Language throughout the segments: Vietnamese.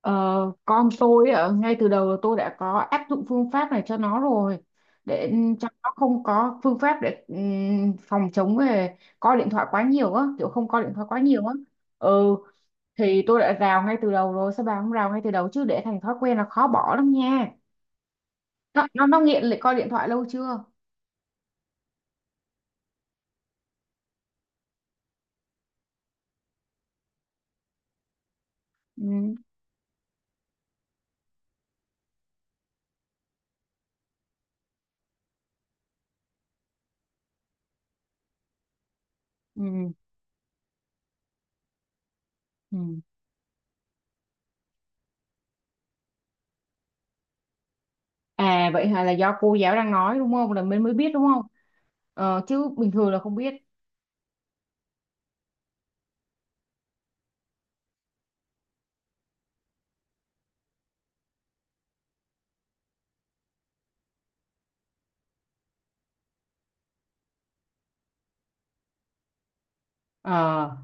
Ờ, con tôi ạ, ngay từ đầu là tôi đã có áp dụng phương pháp này cho nó rồi để cho nó không có phương pháp để phòng chống về coi điện thoại quá nhiều á, kiểu không coi điện thoại quá nhiều á. Ừ, thì tôi đã rào ngay từ đầu rồi. Sao bà không rào ngay từ đầu chứ, để thành thói quen là khó bỏ lắm nha. Nó nghiện lại coi điện thoại lâu chưa? Ừ, ừ, ừ. À vậy hả, là do cô giáo đang nói đúng không, là mình mới biết đúng không? Chứ bình thường là không biết. Ờ.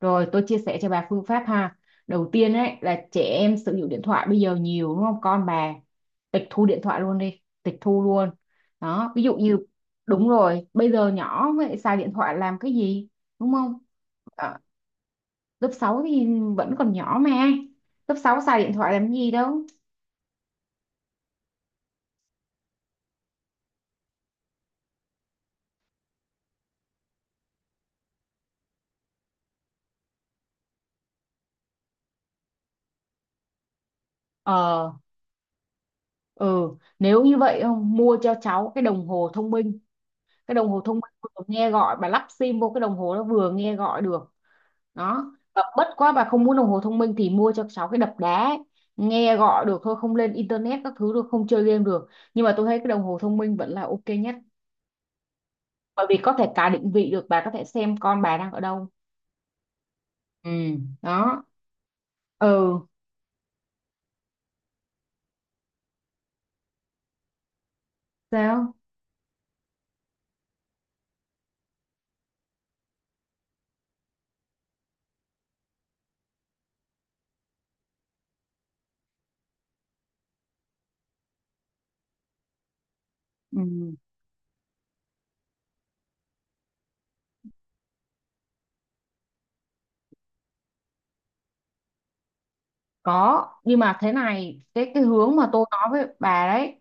Rồi tôi chia sẻ cho bà phương pháp ha. Đầu tiên ấy là trẻ em sử dụng điện thoại bây giờ nhiều đúng không? Con bà tịch thu điện thoại luôn đi, tịch thu luôn. Đó, ví dụ như đúng rồi, bây giờ nhỏ vậy xài điện thoại làm cái gì? Đúng không? Ờ, lớp 6 thì vẫn còn nhỏ mà. Lớp 6 xài điện thoại làm cái gì đâu. Ờ, ừ, nếu như vậy không mua cho cháu cái đồng hồ thông minh, cái đồng hồ thông minh vừa nghe gọi, bà lắp sim vô cái đồng hồ nó vừa nghe gọi được. Đó. Và bất quá bà không muốn đồng hồ thông minh thì mua cho cháu cái đập đá ấy, nghe gọi được thôi, không lên internet các thứ được, không chơi game được. Nhưng mà tôi thấy cái đồng hồ thông minh vẫn là ok nhất, bởi vì có thể cả định vị được, bà có thể xem con bà đang ở đâu. Ừ. Đó. Ừ. Sao? Ừ. Có, nhưng mà thế này, cái hướng mà tôi nói với bà đấy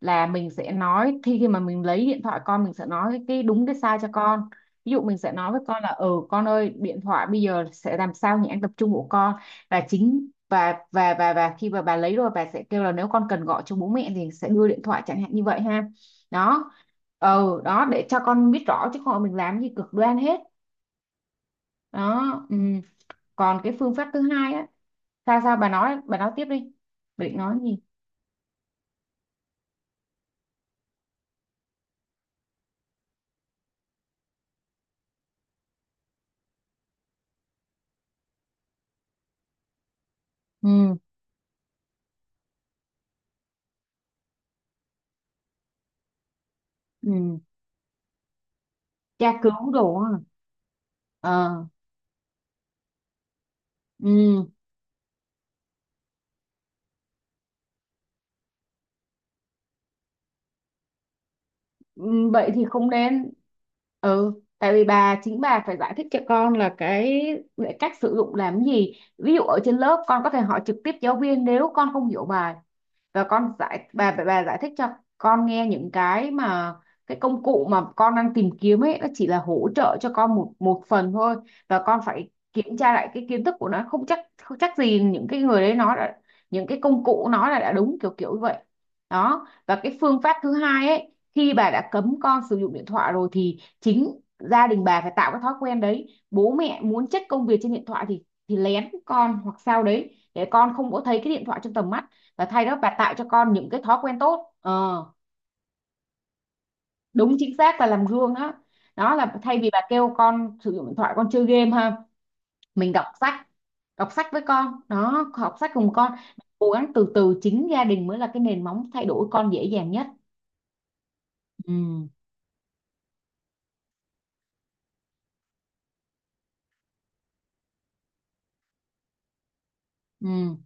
là mình sẽ nói, khi khi mà mình lấy điện thoại con mình sẽ nói cái đúng cái sai cho con. Ví dụ mình sẽ nói với con là con ơi, điện thoại bây giờ sẽ làm sao nhãn tập trung của con. Và chính và và và và khi mà bà lấy rồi bà sẽ kêu là nếu con cần gọi cho bố mẹ thì sẽ đưa điện thoại, chẳng hạn như vậy ha. Đó. Ừ, đó để cho con biết rõ, chứ không mình làm gì cực đoan hết. Đó, ừ. Còn cái phương pháp thứ hai á, sao sao bà nói tiếp đi, bà định nói gì? Ừ, ừ, tra cứu đồ hả? ờ ừ. Ừ, vậy thì không nên. Ừ, tại vì bà, chính bà phải giải thích cho con là cái cách sử dụng làm gì. Ví dụ ở trên lớp con có thể hỏi trực tiếp giáo viên nếu con không hiểu bài, và con giải bà giải thích cho con nghe những cái mà cái công cụ mà con đang tìm kiếm ấy nó chỉ là hỗ trợ cho con một một phần thôi, và con phải kiểm tra lại cái kiến thức của nó, không chắc gì những cái người đấy nói là những cái công cụ nó là đã đúng, kiểu kiểu như vậy. Đó. Và cái phương pháp thứ hai ấy, khi bà đã cấm con sử dụng điện thoại rồi thì chính gia đình bà phải tạo cái thói quen đấy. Bố mẹ muốn check công việc trên điện thoại thì lén con hoặc sao đấy để con không có thấy cái điện thoại trong tầm mắt, là thay đó bà tạo cho con những cái thói quen tốt ờ, Đúng, chính xác là làm gương. Đó, đó là thay vì bà kêu con sử dụng điện thoại con chơi game ha, mình đọc sách, đọc sách với con. Đó, học sách cùng con, cố gắng từ từ, chính gia đình mới là cái nền móng thay đổi con dễ dàng nhất. Ừ, ừ,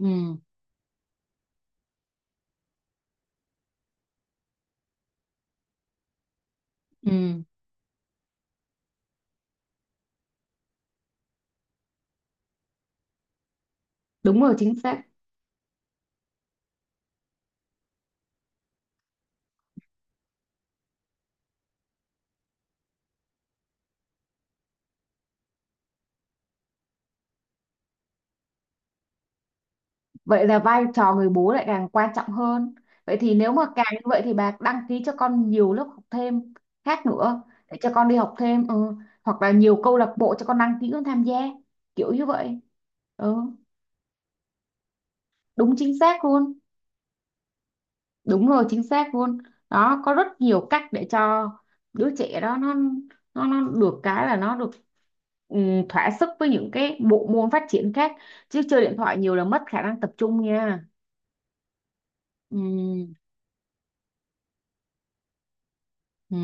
ừ, ừ. Đúng rồi, chính xác. Vậy là vai trò người bố lại càng quan trọng hơn. Vậy thì nếu mà càng như vậy thì bà đăng ký cho con nhiều lớp học thêm khác nữa, để cho con đi học thêm ừ. Hoặc là nhiều câu lạc bộ cho con đăng ký con tham gia, kiểu như vậy. Ừ, đúng chính xác luôn. Đúng rồi, chính xác luôn. Đó, có rất nhiều cách để cho đứa trẻ đó nó được thỏa sức với những cái bộ môn phát triển khác, chứ chơi điện thoại nhiều là mất khả năng tập trung nha. Ừ. Ừ.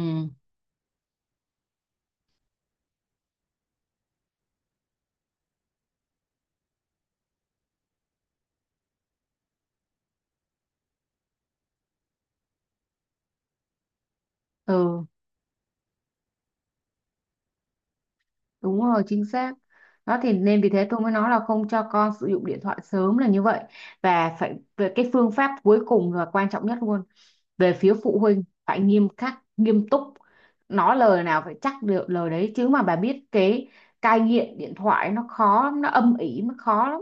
Ừ. Đúng rồi, chính xác. Đó thì nên vì thế tôi mới nói là không cho con sử dụng điện thoại sớm là như vậy. Và phải, về cái phương pháp cuối cùng và quan trọng nhất luôn, về phía phụ huynh phải nghiêm khắc, nghiêm túc. Nói lời nào phải chắc được lời đấy, chứ mà bà biết cái cai nghiện điện thoại nó khó lắm, nó âm ỉ, nó khó lắm.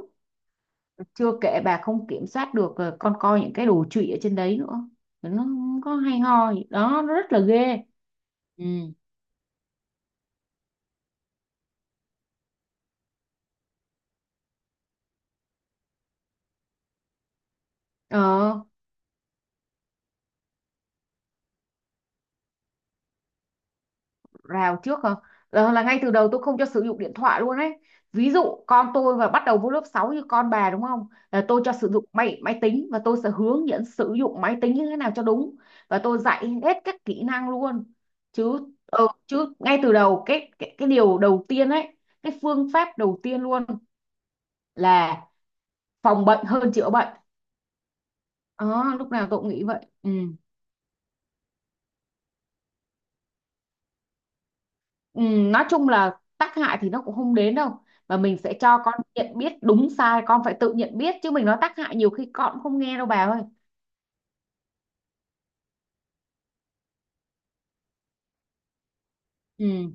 Chưa kể bà không kiểm soát được con coi những cái đồ trụy ở trên đấy nữa. Nó không có hay ho gì. Đó, nó rất là ghê. Ừ. Ờ. Rào trước không? Là ngay từ đầu tôi không cho sử dụng điện thoại luôn ấy. Ví dụ con tôi và bắt đầu vô lớp 6 như con bà đúng không? Là tôi cho sử dụng máy máy tính, và tôi sẽ hướng dẫn sử dụng máy tính như thế nào cho đúng, và tôi dạy hết các kỹ năng luôn. Chứ chứ ngay từ đầu cái điều đầu tiên ấy, cái phương pháp đầu tiên luôn là phòng bệnh hơn chữa bệnh. Đó, lúc nào tôi cũng nghĩ vậy. Ừ. Ừ, nói chung là tác hại thì nó cũng không đến đâu, mà mình sẽ cho con nhận biết đúng sai, con phải tự nhận biết, chứ mình nói tác hại nhiều khi con cũng không nghe đâu bà ơi. Ừ,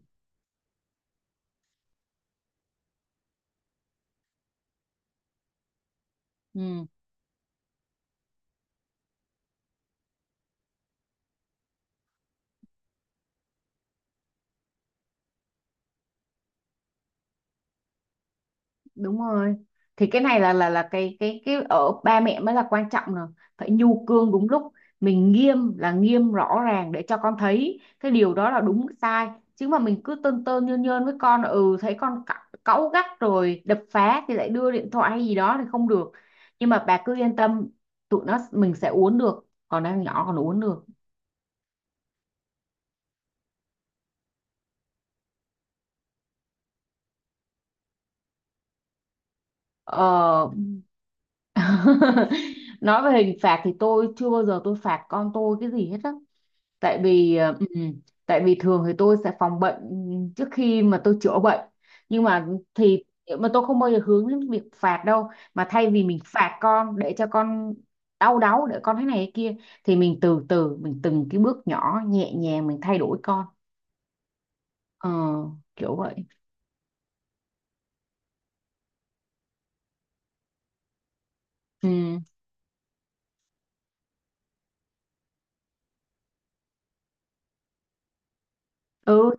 ừ, đúng rồi. Thì cái này là cái cái ở ba mẹ mới là quan trọng nè, phải nhu cương đúng lúc. Mình nghiêm là nghiêm rõ ràng để cho con thấy cái điều đó là đúng sai, chứ mà mình cứ tơn tơn nhơn nhơn với con, thấy con cáu gắt rồi đập phá thì lại đưa điện thoại hay gì đó thì không được. Nhưng mà bà cứ yên tâm, tụi nó mình sẽ uốn được, còn đang nhỏ còn uốn được. ờ nói về hình phạt thì tôi chưa bao giờ tôi phạt con tôi cái gì hết á, tại vì thường thì tôi sẽ phòng bệnh trước khi mà tôi chữa bệnh. Nhưng mà thì mà tôi không bao giờ hướng đến việc phạt đâu, mà thay vì mình phạt con để cho con đau đáu, để con thế này thế kia, thì mình từ từ, mình từng cái bước nhỏ nhẹ nhàng mình thay đổi con ờ, kiểu vậy. Ừ, ừ.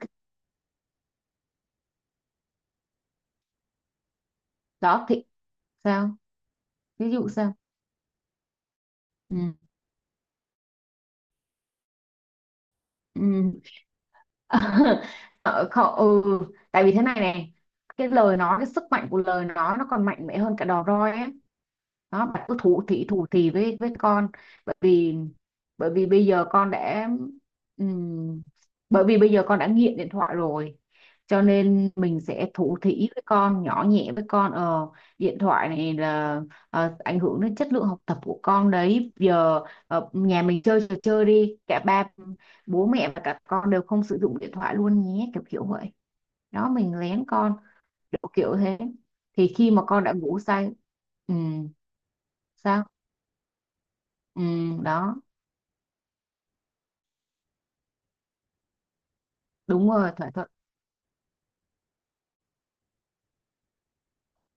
Đó thì sao, ví dụ sao? Ừ, ừ. Ờ, không, ừ, tại vì thế này này, cái lời nói, cái sức mạnh của lời nói nó còn mạnh mẽ hơn cả đòn roi á. Đó, bạn cứ thủ thị với con, bởi vì bởi vì bây giờ con đã ừm, bởi vì bây giờ con đã nghiện điện thoại rồi, cho nên mình sẽ thủ thỉ với con, nhỏ nhẹ với con ờ Điện thoại này là, ảnh hưởng đến chất lượng học tập của con đấy. Giờ, nhà mình chơi trò chơi đi, cả ba bố mẹ và cả con đều không sử dụng điện thoại luôn nhé, kiểu kiểu vậy. Đó, mình lén con, kiểu kiểu thế, thì khi mà con đã ngủ say. Ừ. Sao? Ừ, đó đúng rồi, thỏa thuận.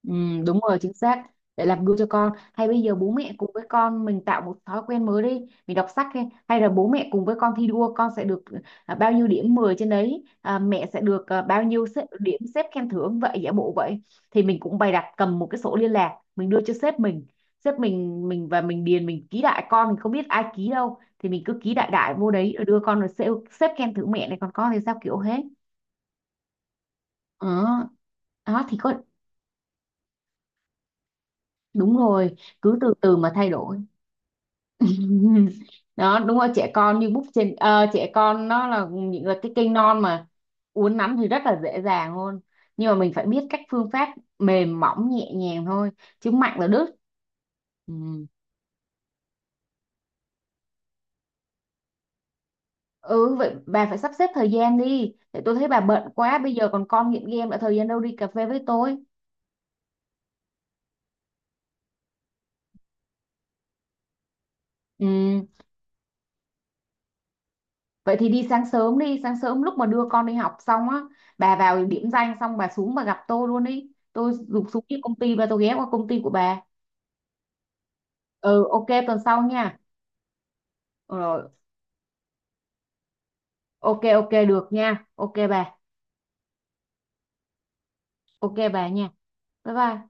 Ừ, đúng rồi, chính xác, để làm gương cho con. Hay bây giờ bố mẹ cùng với con mình tạo một thói quen mới đi, mình đọc sách, hay là bố mẹ cùng với con thi đua, con sẽ được bao nhiêu điểm 10 trên đấy, mẹ sẽ được bao nhiêu điểm xếp khen thưởng vậy, giả bộ vậy. Thì mình cũng bày đặt cầm một cái sổ liên lạc mình đưa cho sếp mình, sếp mình và mình điền, mình ký đại, con mình không biết ai ký đâu thì mình cứ ký đại đại vô đấy rồi đưa con, rồi sếp khen thưởng mẹ này, còn con thì sao, kiểu hết. Ờ. Đó thì có, đúng rồi, cứ từ từ mà thay đổi. Đó đúng rồi, trẻ con như búp trên, trẻ con nó là là cái cây non mà, uốn nắn thì rất là dễ dàng luôn, nhưng mà mình phải biết cách phương pháp, mềm mỏng nhẹ nhàng thôi, chứ mạnh là đứt. Ừ. Ừ, vậy bà phải sắp xếp thời gian đi, để tôi thấy bà bận quá, bây giờ còn con nghiện game đã, thời gian đâu đi cà phê với tôi. Ừ. Vậy thì đi, sáng sớm lúc mà đưa con đi học xong á, bà vào điểm danh xong bà xuống bà gặp tôi luôn đi. Tôi rụt xuống cái công ty và tôi ghé qua công ty của bà. Ừ, ok tuần sau nha. Rồi, ok ok được nha. Ok bà nha. Bye bye.